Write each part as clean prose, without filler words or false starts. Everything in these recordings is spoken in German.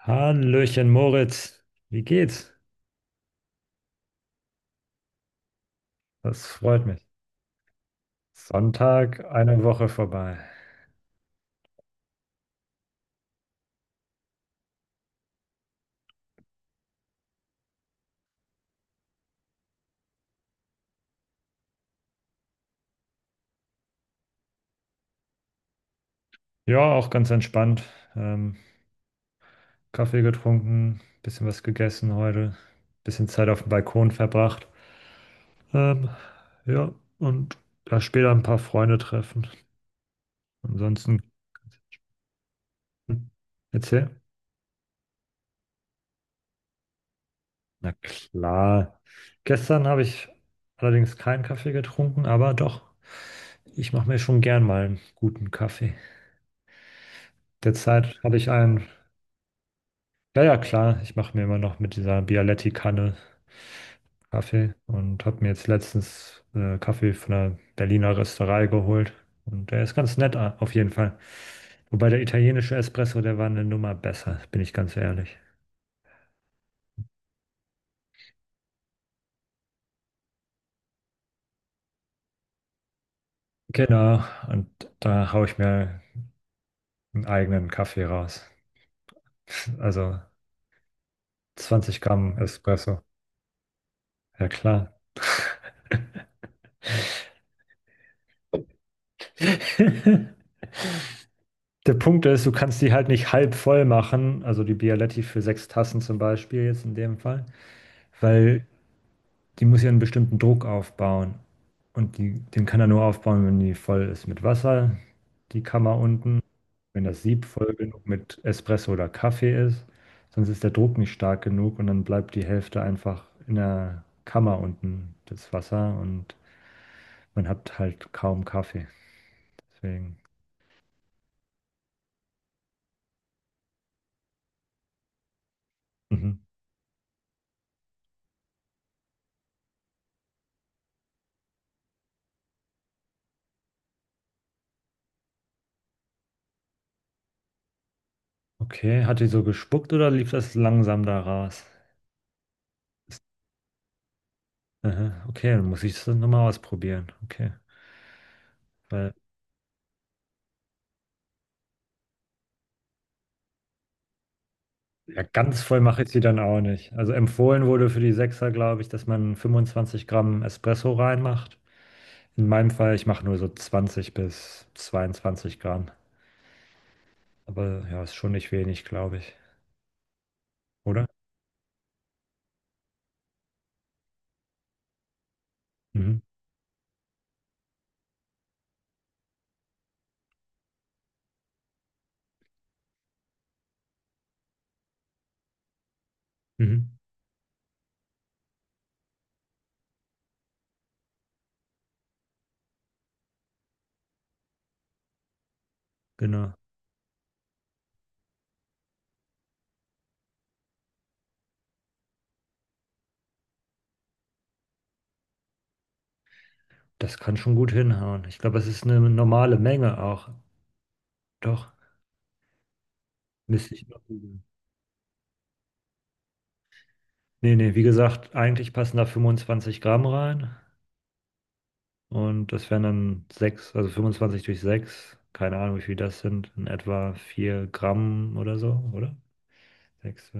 Hallöchen Moritz, wie geht's? Das freut mich. Sonntag, eine Woche vorbei. Ja, auch ganz entspannt. Ähm, Kaffee getrunken, bisschen was gegessen heute, bisschen Zeit auf dem Balkon verbracht. Ähm, ja, und da später ein paar Freunde treffen. Ansonsten, hm, erzähl. Na klar. Gestern habe ich allerdings keinen Kaffee getrunken, aber doch, ich mache mir schon gern mal einen guten Kaffee. Derzeit habe ich einen, ja, ja, klar, ich mache mir immer noch mit dieser Bialetti-Kanne Kaffee und habe mir jetzt letztens Kaffee von einer Berliner Rösterei geholt. Und der ist ganz nett auf jeden Fall. Wobei der italienische Espresso, der war eine Nummer besser, bin ich ganz ehrlich. Genau, und da haue ich mir einen eigenen Kaffee raus. Also 20 Gramm Espresso. Ja, klar. Der Punkt ist, du kannst die halt nicht halb voll machen, also die Bialetti für sechs Tassen zum Beispiel jetzt in dem Fall, weil die muss ja einen bestimmten Druck aufbauen. Und die, den kann er nur aufbauen, wenn die voll ist mit Wasser, die Kammer unten, wenn das Sieb voll genug mit Espresso oder Kaffee ist, sonst ist der Druck nicht stark genug und dann bleibt die Hälfte einfach in der Kammer unten, das Wasser, und man hat halt kaum Kaffee. Deswegen. Mhm. Okay, hat die so gespuckt oder lief das langsam da raus? Aha, okay, dann muss ich das nochmal ausprobieren. Okay. Weil, ja, ganz voll mache ich sie dann auch nicht. Also empfohlen wurde für die Sechser, glaube ich, dass man 25 Gramm Espresso reinmacht. In meinem Fall, ich mache nur so 20 bis 22 Gramm. Aber ja, ist schon nicht wenig, glaube ich. Oder? Mhm. Mhm. Genau. Das kann schon gut hinhauen. Ich glaube, es ist eine normale Menge auch. Doch, müsste ich noch. Nee, nee, wie gesagt, eigentlich passen da 25 Gramm rein. Und das wären dann 6, also 25 durch 6. Keine Ahnung, wie viel das sind, in etwa 4 Gramm oder so, oder? 6.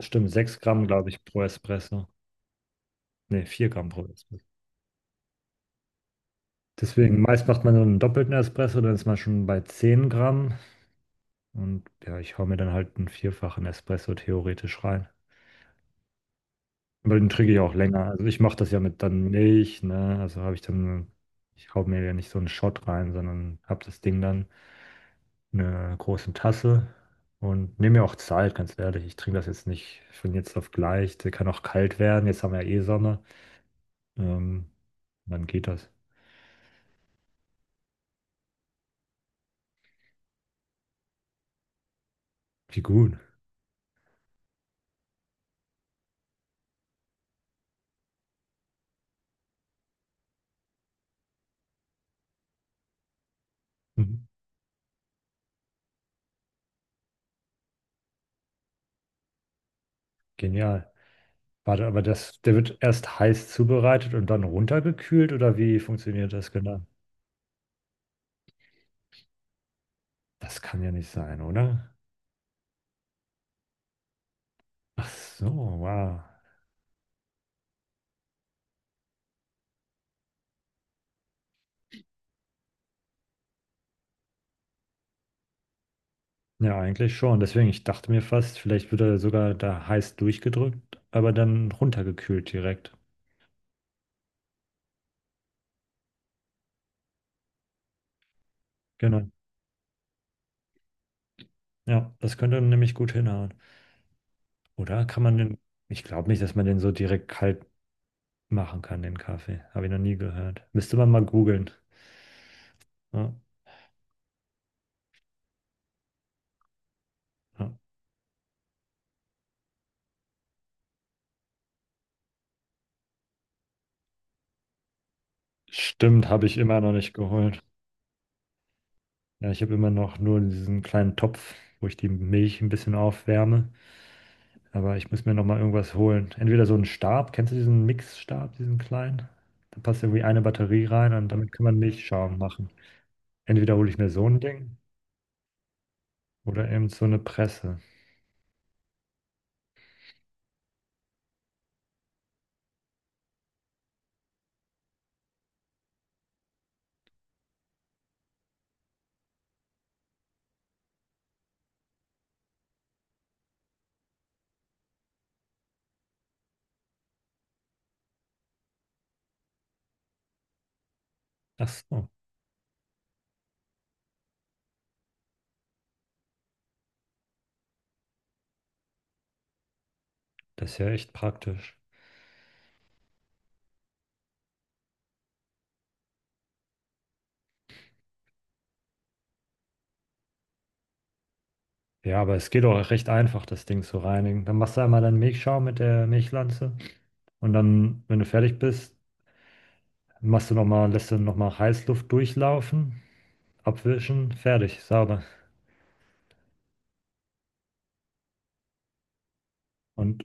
Stimmt, 6 Gramm, glaube ich, pro Espresso. Nee, 4 Gramm pro Espresso. Deswegen, meist macht man so einen doppelten Espresso, dann ist man schon bei 10 Gramm. Und ja, ich hau mir dann halt einen vierfachen Espresso theoretisch rein. Aber den trinke ich auch länger. Also ich mache das ja mit dann Milch, ne? Also habe ich dann, ich hau mir ja nicht so einen Shot rein, sondern habe das Ding dann in einer großen Tasse und nehme mir auch Zeit, ganz ehrlich. Ich trinke das jetzt nicht von jetzt auf gleich. Der kann auch kalt werden. Jetzt haben wir ja eh Sommer. Ähm, dann geht das. Wie gut. Mhm. Genial. Warte, aber das, der wird erst heiß zubereitet und dann runtergekühlt oder wie funktioniert das genau? Das kann ja nicht sein, oder? Ach so, wow. Ja, eigentlich schon. Deswegen, ich dachte mir fast, vielleicht wird er sogar da heiß durchgedrückt, aber dann runtergekühlt direkt. Genau. Ja, das könnte nämlich gut hinhauen. Oder kann man den, ich glaube nicht, dass man den so direkt kalt machen kann, den Kaffee. Habe ich noch nie gehört. Müsste man mal googeln. Ja, ja. Stimmt, habe ich immer noch nicht geholt. Ja, ich habe immer noch nur diesen kleinen Topf, wo ich die Milch ein bisschen aufwärme. Aber ich muss mir noch mal irgendwas holen. Entweder so einen Stab, kennst du diesen Mixstab, diesen kleinen? Da passt irgendwie eine Batterie rein und damit kann man Milchschaum machen. Entweder hole ich mir so ein Ding oder eben so eine Presse. Ach so, das ist ja echt praktisch. Ja, aber es geht auch recht einfach, das Ding zu reinigen. Dann machst du einmal deinen Milchschaum mit der Milchlanze und dann, wenn du fertig bist, machst du noch mal, lässt du noch mal Heißluft durchlaufen, abwischen, fertig, sauber. Und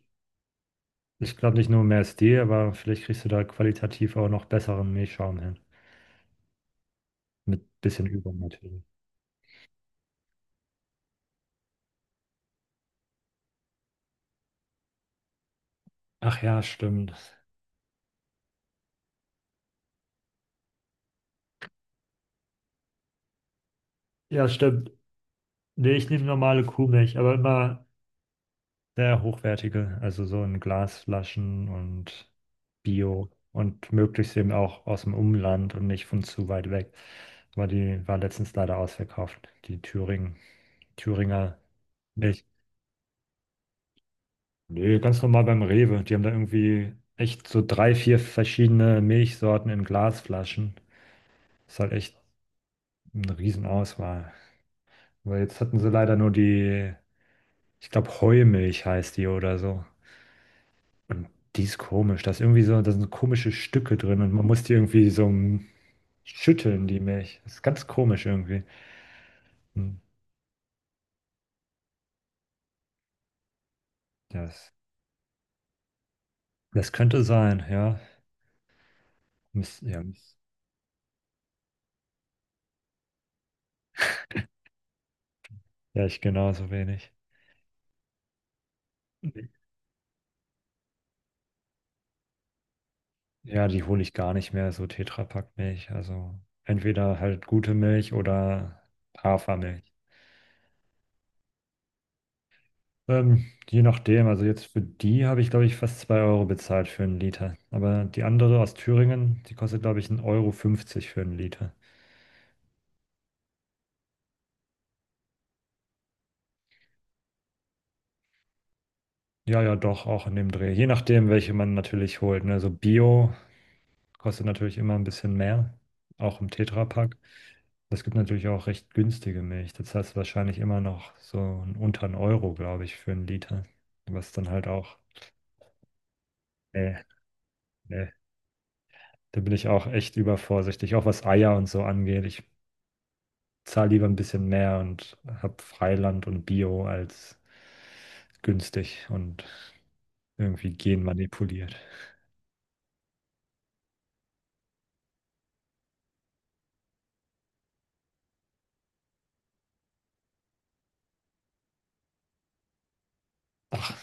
Ich glaube nicht nur mehr SD, aber vielleicht kriegst du da qualitativ auch noch besseren Milchschaum hin. Mit bisschen Übung natürlich. Ach ja, stimmt. Ja, stimmt. Nee, ich nehme normale Kuhmilch, aber immer sehr hochwertige, also so in Glasflaschen und Bio und möglichst eben auch aus dem Umland und nicht von zu weit weg. Weil die war letztens leider ausverkauft, die Thüringen, Thüringer Milch. Nee, ganz normal beim Rewe. Die haben da irgendwie echt so drei, vier verschiedene Milchsorten in Glasflaschen. Ist halt echt eine Riesenauswahl. Weil jetzt hatten sie leider nur die, ich glaube, Heumilch heißt die oder so. Und die ist komisch. Da ist irgendwie so, da sind komische Stücke drin und man muss die irgendwie so schütteln, die Milch. Das ist ganz komisch irgendwie. Hm, Das, das könnte sein, ja. Ja, ja, ich genauso wenig. Ja, die hole ich gar nicht mehr, so Tetrapack-Milch. Also entweder halt gute Milch oder Hafermilch. Je nachdem, also jetzt für die habe ich, glaube ich, fast 2 Euro bezahlt für einen Liter. Aber die andere aus Thüringen, die kostet, glaube ich, 1,50 Euro fünfzig für einen Liter. Ja, ja, doch, auch in dem Dreh. Je nachdem, welche man natürlich holt. Ne? So Bio kostet natürlich immer ein bisschen mehr, auch im Tetra-Pack. Es gibt natürlich auch recht günstige Milch. Das heißt wahrscheinlich immer noch so unter einen Euro, glaube ich, für einen Liter. Was dann halt auch, nee, nee, da bin ich auch echt übervorsichtig, auch was Eier und so angeht. Ich zahle lieber ein bisschen mehr und habe Freiland und Bio als günstig und irgendwie genmanipuliert. Ach,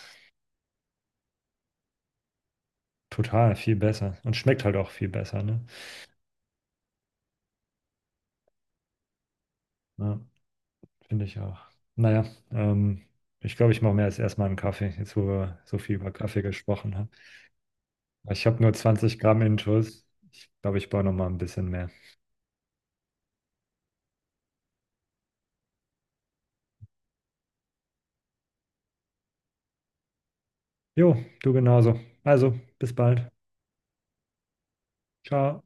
total, viel besser. Und schmeckt halt auch viel besser, ne? Ja. Finde ich auch. Naja, ähm, ich glaube, ich mache mir jetzt erstmal einen Kaffee, jetzt wo wir so viel über Kaffee gesprochen haben. Ich habe nur 20 Gramm Intus. Ich glaube, ich brauche noch mal ein bisschen mehr. Jo, du genauso. Also, bis bald. Ciao.